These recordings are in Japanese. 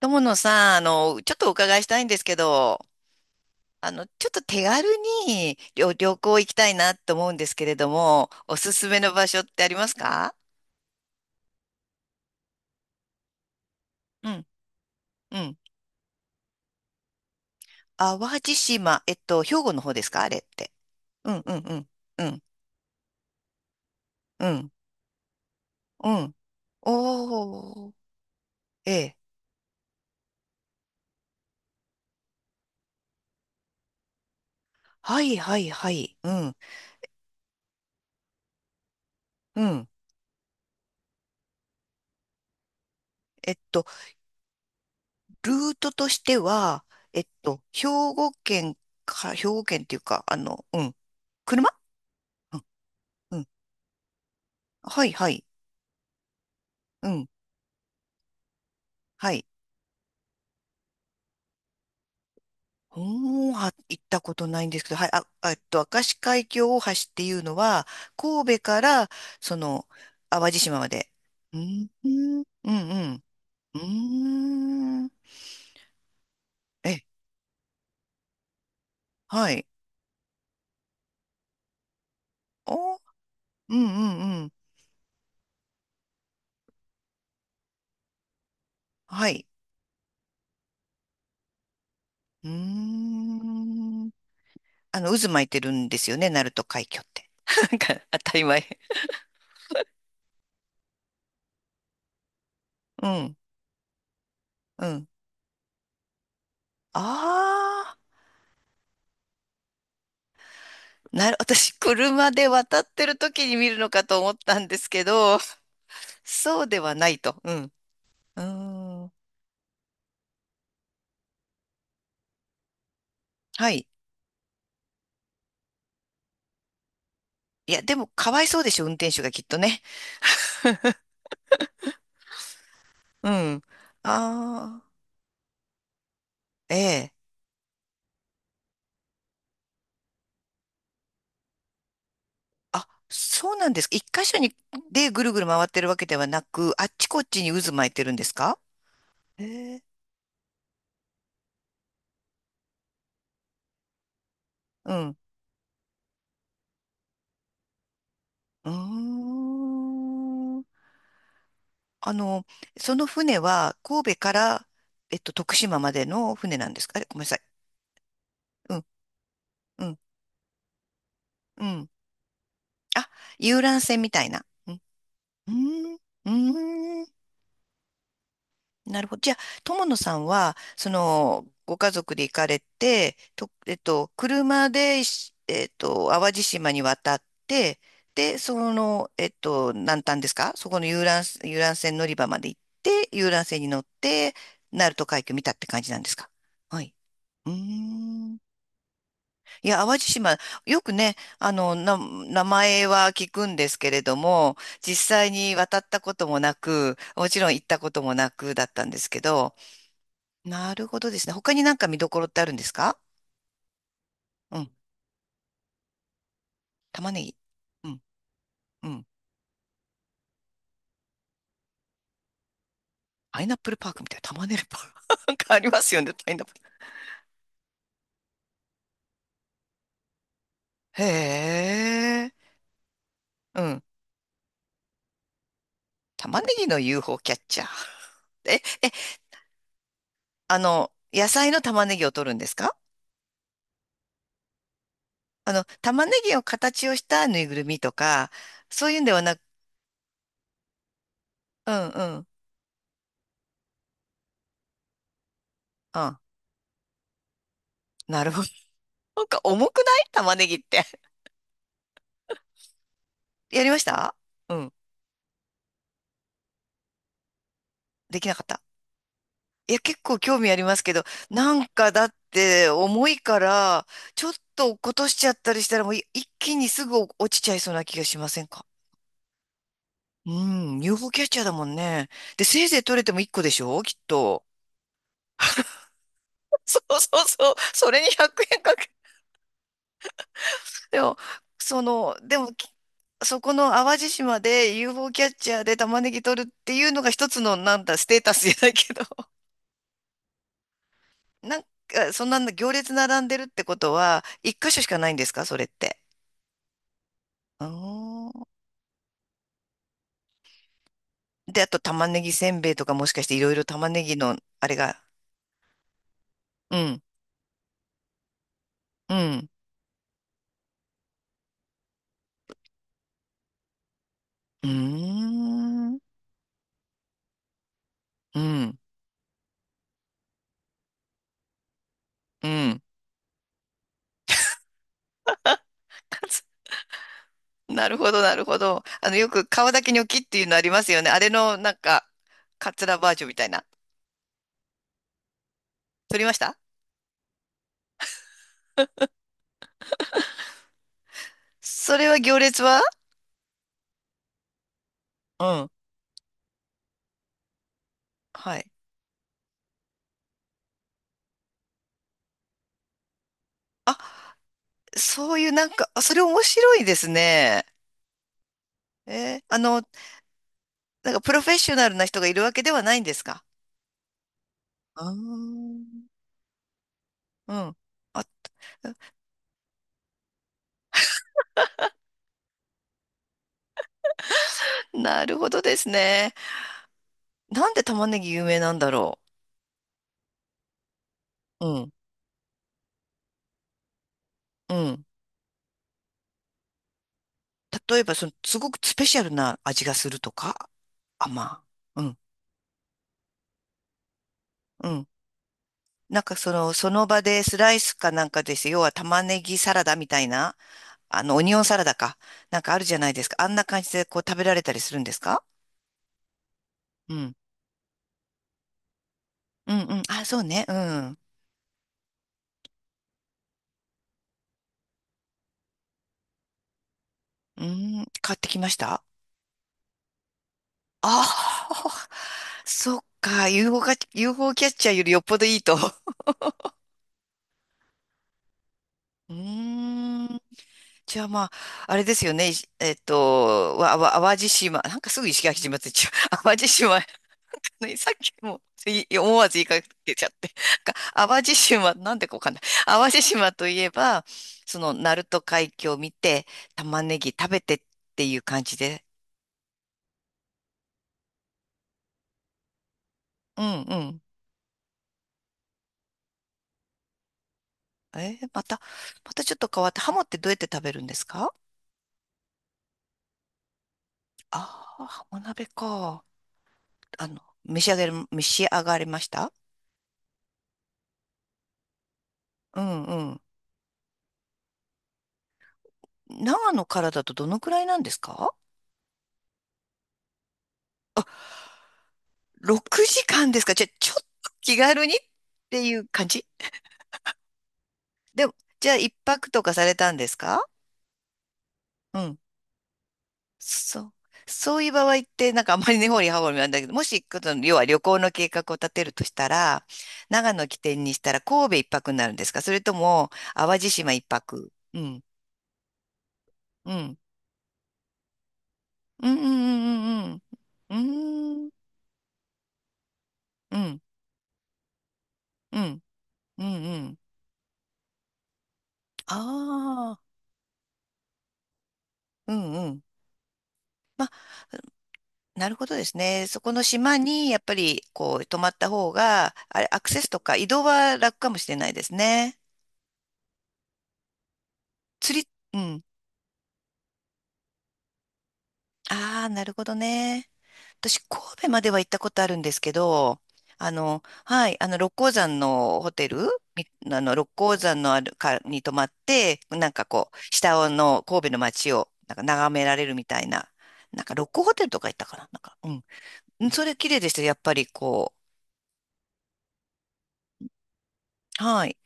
友野さん、ちょっとお伺いしたいんですけど、ちょっと手軽に旅行行きたいなと思うんですけれども、おすすめの場所ってありますか？うん、うん。淡路島、兵庫の方ですか？あれって。うん、うん、うん、うん、うん、うん。おー、ええ。はい、はい、はい。うん、うん。えっと、ルートとしては、えっと、兵庫県兵庫県っていうか、うん、車うん、うん。はい、はい。うん。はい。おー、行ったことないんですけど、はい、明石海峡大橋っていうのは、神戸から、その、淡路島まで。うん、うん、うん、うん。うーん、え、はい。お、うん、うん、うん。はい。うーん。渦巻いてるんですよね、鳴門海峡って？なんか、当たり前。うん、うん。ああ、私、車で渡ってる時に見るのかと思ったんですけど、そうではないと。うん。うーん。はい。いや、でも、かわいそうでしょ、運転手がきっとね。うん。ああ、ええ。あ、そうなんですか？一箇所にでぐるぐる回ってるわけではなく、あっちこっちに渦巻いてるんですか？ええ。うん。うーん。あの、その船は、神戸から、徳島までの船なんですか？あれ、ごめんなさい。うん、うん、うん。あ、遊覧船みたいな。うん、うーん、うーん。なるほど。じゃあ、友野さんは、ご家族で行かれて、と、えっと、車でし、淡路島に渡って、で、南端ですか、そこの遊覧船乗り場まで行って、遊覧船に乗って、鳴門海峡見たって感じなんですか？はい。うーん。いや、淡路島、よくね、名前は聞くんですけれども、実際に渡ったこともなく、もちろん行ったこともなくだったんですけど、なるほどですね。他になんか見どころってあるんですか？うん。玉ねぎ。うん。うん。パイナップルパークみたいな玉ねぎパーク。なんかありますよね、パイナップル。へえ。うん。玉ねぎの UFO キャッチャー。え、え、野菜の玉ねぎを取るんですか？玉ねぎを形をしたぬいぐるみとか、そういうんではなく、うんうん。あ、なるほど。なんか重くない玉ねぎって。やりました？うん。できなかった？いや、結構興味ありますけど、なんかだって重いから、ちょっと落っことしちゃったりしたらもう一気にすぐ落ちちゃいそうな気がしませんか？うん、UFO キャッチャーだもんね。で、せいぜい取れても1個でしょ、きっと。そうそうそう。それに100円かけ。でも、その、でも、きそこの淡路島で UFO キャッチャーで玉ねぎ取るっていうのが一つの、なんだ、ステータスじゃないけど。なんか、そんな行列並んでるってことは、一箇所しかないんですか、それって？あー、で、あと玉ねぎせんべいとかもしかしていろいろ玉ねぎのあれが、うん、うん、うーん、うん、うん。なるほど、なるほど。よく皮だけニョキっていうのありますよね。あれの、なんか、カツラバージョンみたいな。取りました？それは行列は？うん。はい。あ、そういうなんか、あ、それ面白いですね。えーあの、なんかプロフェッショナルな人がいるわけではないんですか？あー、うん。あ、なるほどですね。なんで玉ねぎ有名なんだろう。うん、うん。例えば、すごくスペシャルな味がするとか、まあうん、うん。なんかその場でスライスかなんかです。要は玉ねぎサラダみたいな、オニオンサラダか。なんかあるじゃないですか。あんな感じでこう食べられたりするんですか？うん。うん、うん。あ、そうね。うん。うん、買ってきました。ああ、そっか。UFO か、UFO キャッチャーよりよっぽどいいと。うーん。じゃあまあ、あれですよね。いしえっと、わ、わ、淡路島。なんかすぐ石垣島って言っちゃう。淡路島。ね、さっきも思わず言いかけちゃって。なんか淡路島、なんでかわかんない。淡路島といえば、鳴門海峡を見て、玉ねぎ食べてっていう感じで。うんうん。えーまた、またちょっと変わって、ハモってどうやって食べるんですか？ああー、ハモ鍋か。召し上がりました？うんうん。長野からだとどのくらいなんですか？ 6 時間ですか？じゃあ、ちょっと気軽にっていう感じ、でも、じゃあ、一泊とかされたんですか？うん。そう。そういう場合って、なんかあんまり根掘り葉掘りなんだけど、もし、この要は旅行の計画を立てるとしたら、長野起点にしたら神戸一泊になるんですか？それとも、淡路島一泊。うん。うん。うんうんうん、うんうん。うーん。うん。うん。うんうん。ああ。うんうん。なるほどですね。そこの島にやっぱりこう泊まった方が、あれ、アクセスとか移動は楽かもしれないですね。釣り、うん。ああ、なるほどね。私、神戸までは行ったことあるんですけど、はい、六甲山のホテル、みあの、六甲山のあるかに泊まって、なんかこう、下の神戸の街をなんか眺められるみたいな、なんか六甲ホテルとか行ったかな、なんか、うん。それ綺麗でしたよ。やっぱりこう、はい。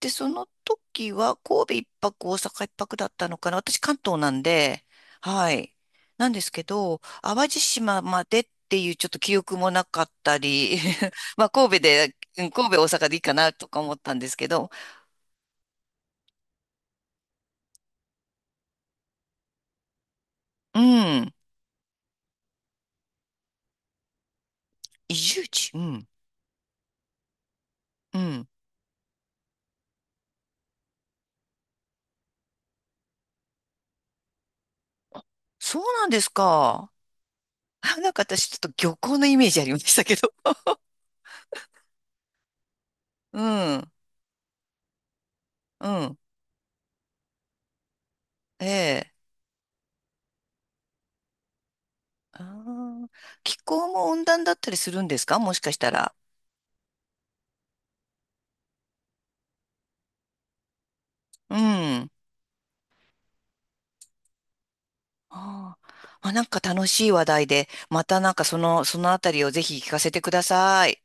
で、その時は神戸一泊、大阪一泊だったのかな。私関東なんで、はい。なんですけど、淡路島までっていうちょっと記憶もなかったり、まあ神戸で、うん、神戸大阪でいいかなとか思ったんですけど、うん。移住地、うん。うん。そうなんですか。あ、なんか私ちょっと漁港のイメージありましたけど。うん。うん。ええ。あー、気候も温暖だったりするんですか、もしかしたら？うん。ああ、まあ、なんか楽しい話題で、またなんかそのあたりをぜひ聞かせてください。